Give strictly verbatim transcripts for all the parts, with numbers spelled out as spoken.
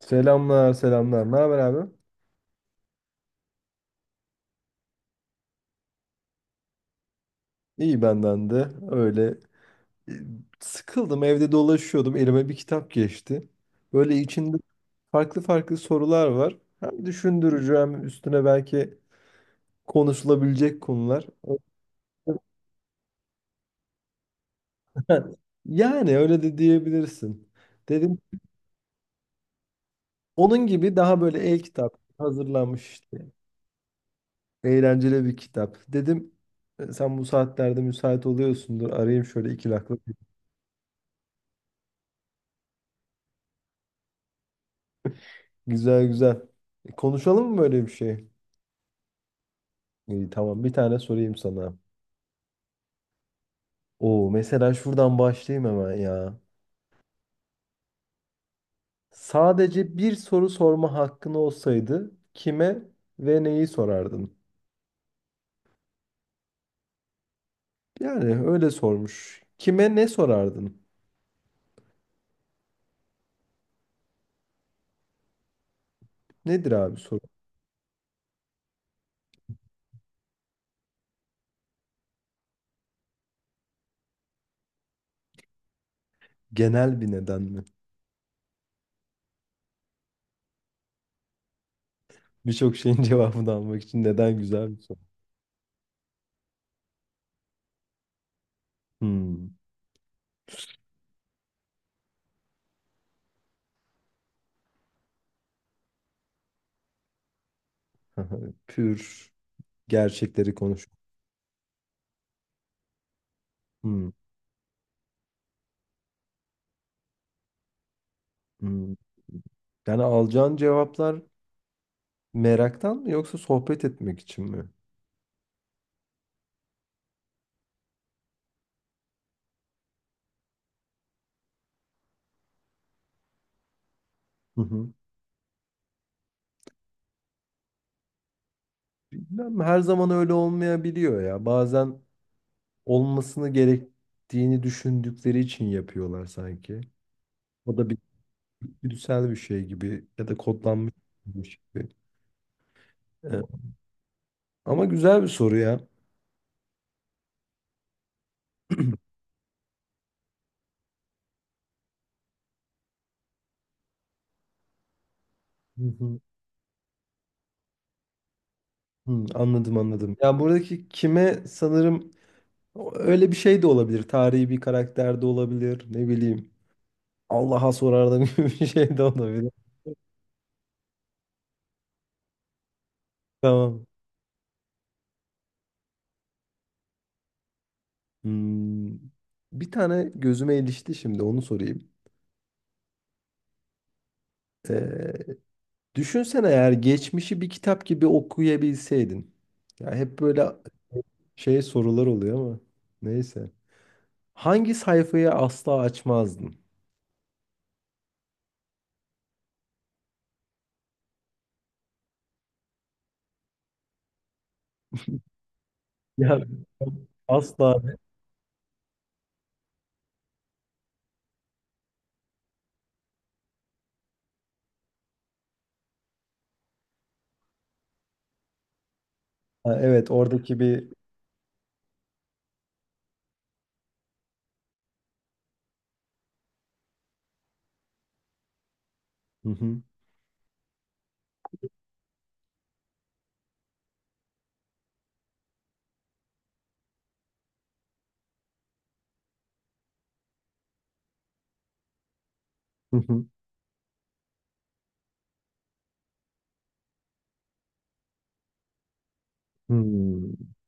Selamlar, selamlar. Ne haber abi? İyi benden de. Öyle e, sıkıldım, evde dolaşıyordum. Elime bir kitap geçti. Böyle içinde farklı farklı sorular var. Hem düşündürücü hem üstüne belki konuşulabilecek konular. Yani öyle de diyebilirsin. Dedim onun gibi daha böyle e-kitap hazırlanmış işte. Eğlenceli bir kitap. Dedim e, sen bu saatlerde müsait oluyorsundur. Arayayım şöyle iki lak. Güzel güzel. E, konuşalım mı böyle bir şey? İyi, tamam bir tane sorayım sana. Oo mesela şuradan başlayayım hemen ya. Sadece bir soru sorma hakkın olsaydı kime ve neyi sorardın? Yani öyle sormuş. Kime ne sorardın? Nedir abi soru? Genel bir neden mi? Birçok şeyin cevabını almak için neden güzel bir soru. Hmm. Pür gerçekleri konuş. Hmm. Hmm. Yani alacağın cevaplar meraktan mı yoksa sohbet etmek için mi? Hı hı. Bilmem her zaman öyle olmayabiliyor ya. Bazen olmasını gerektiğini düşündükleri için yapıyorlar sanki. O da bir güdüsel bir şey gibi ya da kodlanmış bir şey gibi. Evet. Ama güzel bir soru ya. Hı hı. Hmm, anladım anladım. Ya buradaki kime sanırım öyle bir şey de olabilir. Tarihi bir karakter de olabilir. Ne bileyim. Allah'a sorardım gibi bir şey de olabilir. Tamam. Hmm, bir tane gözüme ilişti şimdi onu sorayım. Ee, düşünsene eğer geçmişi bir kitap gibi okuyabilseydin. Ya hep böyle şey sorular oluyor ama neyse. Hangi sayfayı asla açmazdın? Ya asla. Ha, evet oradaki bir hı hı, hı hı, hmm.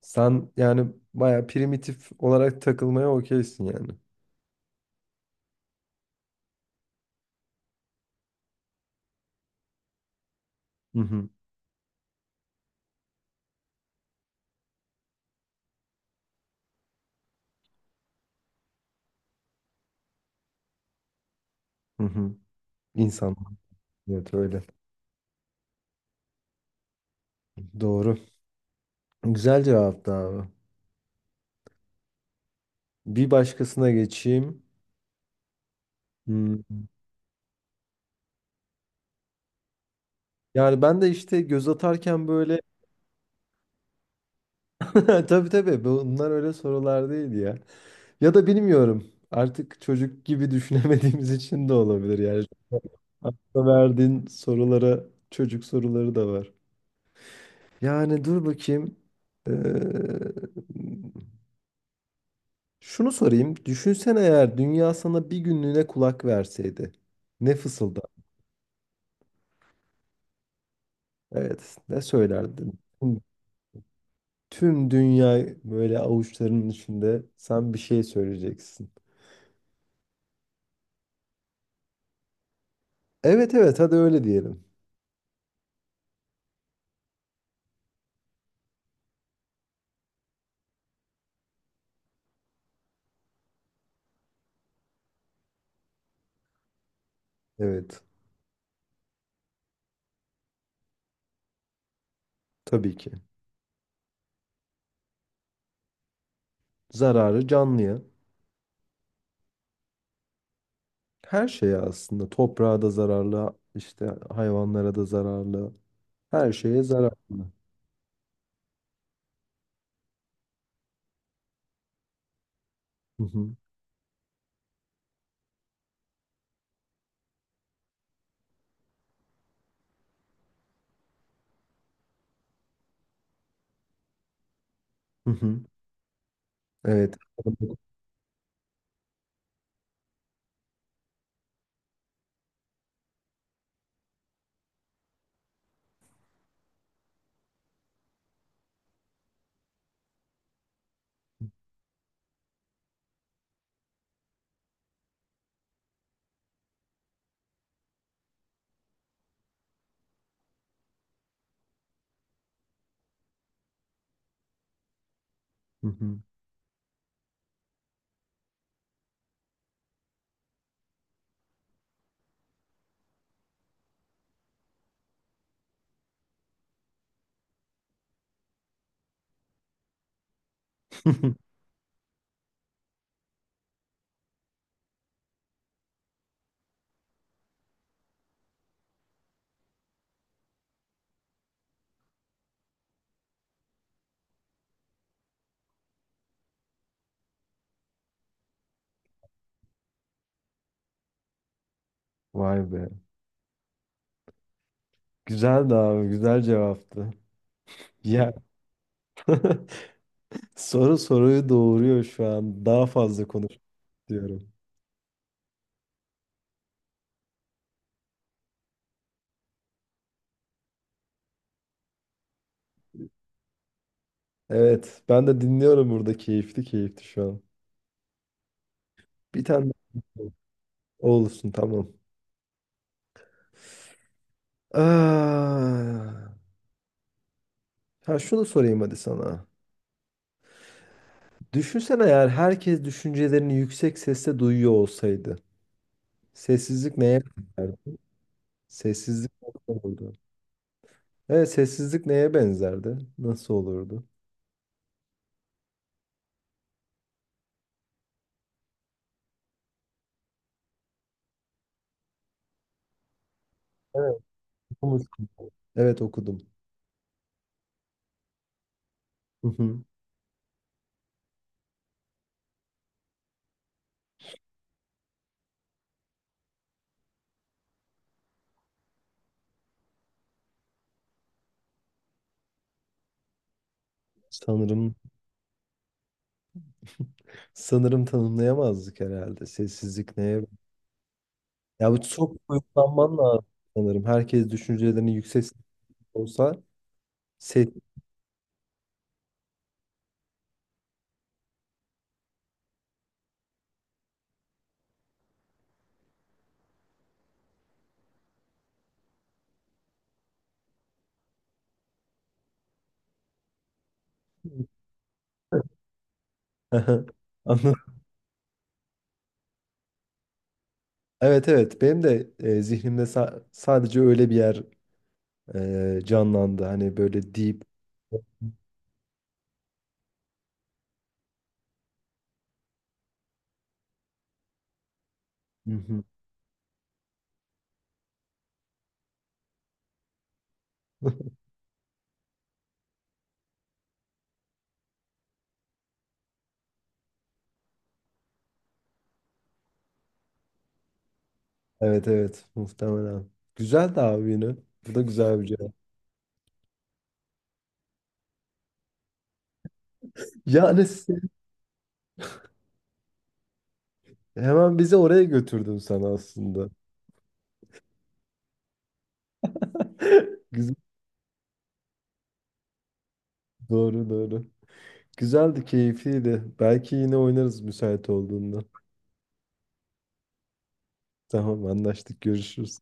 Sen yani baya primitif olarak takılmaya okeysin yani. Hı hı, hı hı. İnsan. Evet öyle. Doğru. Güzel cevaptı abi. Bir başkasına geçeyim. Hmm. Yani ben de işte göz atarken böyle. Tabii tabii bunlar öyle sorular değil ya. Ya da bilmiyorum. Artık çocuk gibi düşünemediğimiz için de olabilir yani. Akla verdiğin sorulara çocuk soruları da var. Yani dur bakayım. Ee, şunu sorayım. Düşünsene eğer dünya sana bir günlüğüne kulak verseydi. Ne fısıldar? Evet, ne söylerdin? Tüm dünya böyle avuçlarının içinde sen bir şey söyleyeceksin. Evet evet hadi öyle diyelim. Evet tabii ki. Zararı canlıya. Her şeye aslında. Toprağa da zararlı, işte hayvanlara da zararlı. Her şeye zararlı. Hı hı. Hı hı. Evet. Hı hı. Vay be. Güzeldi abi. Güzel cevaptı. Ya soru soruyu doğuruyor şu an. Daha fazla konuş diyorum. Evet, ben de dinliyorum burada keyifli keyifli şu an. Bir tane daha olsun tamam. Ah, ha şunu sorayım hadi sana. Düşünsene eğer herkes düşüncelerini yüksek sesle duyuyor olsaydı. Sessizlik neye benzerdi? Sessizlik nasıl olurdu? Evet, sessizlik neye benzerdi? Nasıl olurdu? Evet, okumuştum. Evet, okudum. Hı hı. Sanırım sanırım tanımlayamazdık herhalde. Sessizlik neye ya bu çok uyuklanman lazım sanırım. Herkes düşüncelerini yüksek sesle olsa ses... Anladım. Evet evet benim de e, zihnimde sa- sadece öyle bir yer e, canlandı. Hani böyle deep. Hı hı. Evet evet muhtemelen. Güzel de abi yine. Bu da güzel bir cevap. Yani sen- hemen bizi oraya götürdün sen aslında. Güzel. Doğru doğru. Güzeldi, keyifliydi. Belki yine oynarız müsait olduğunda. Tamam anlaştık görüşürüz.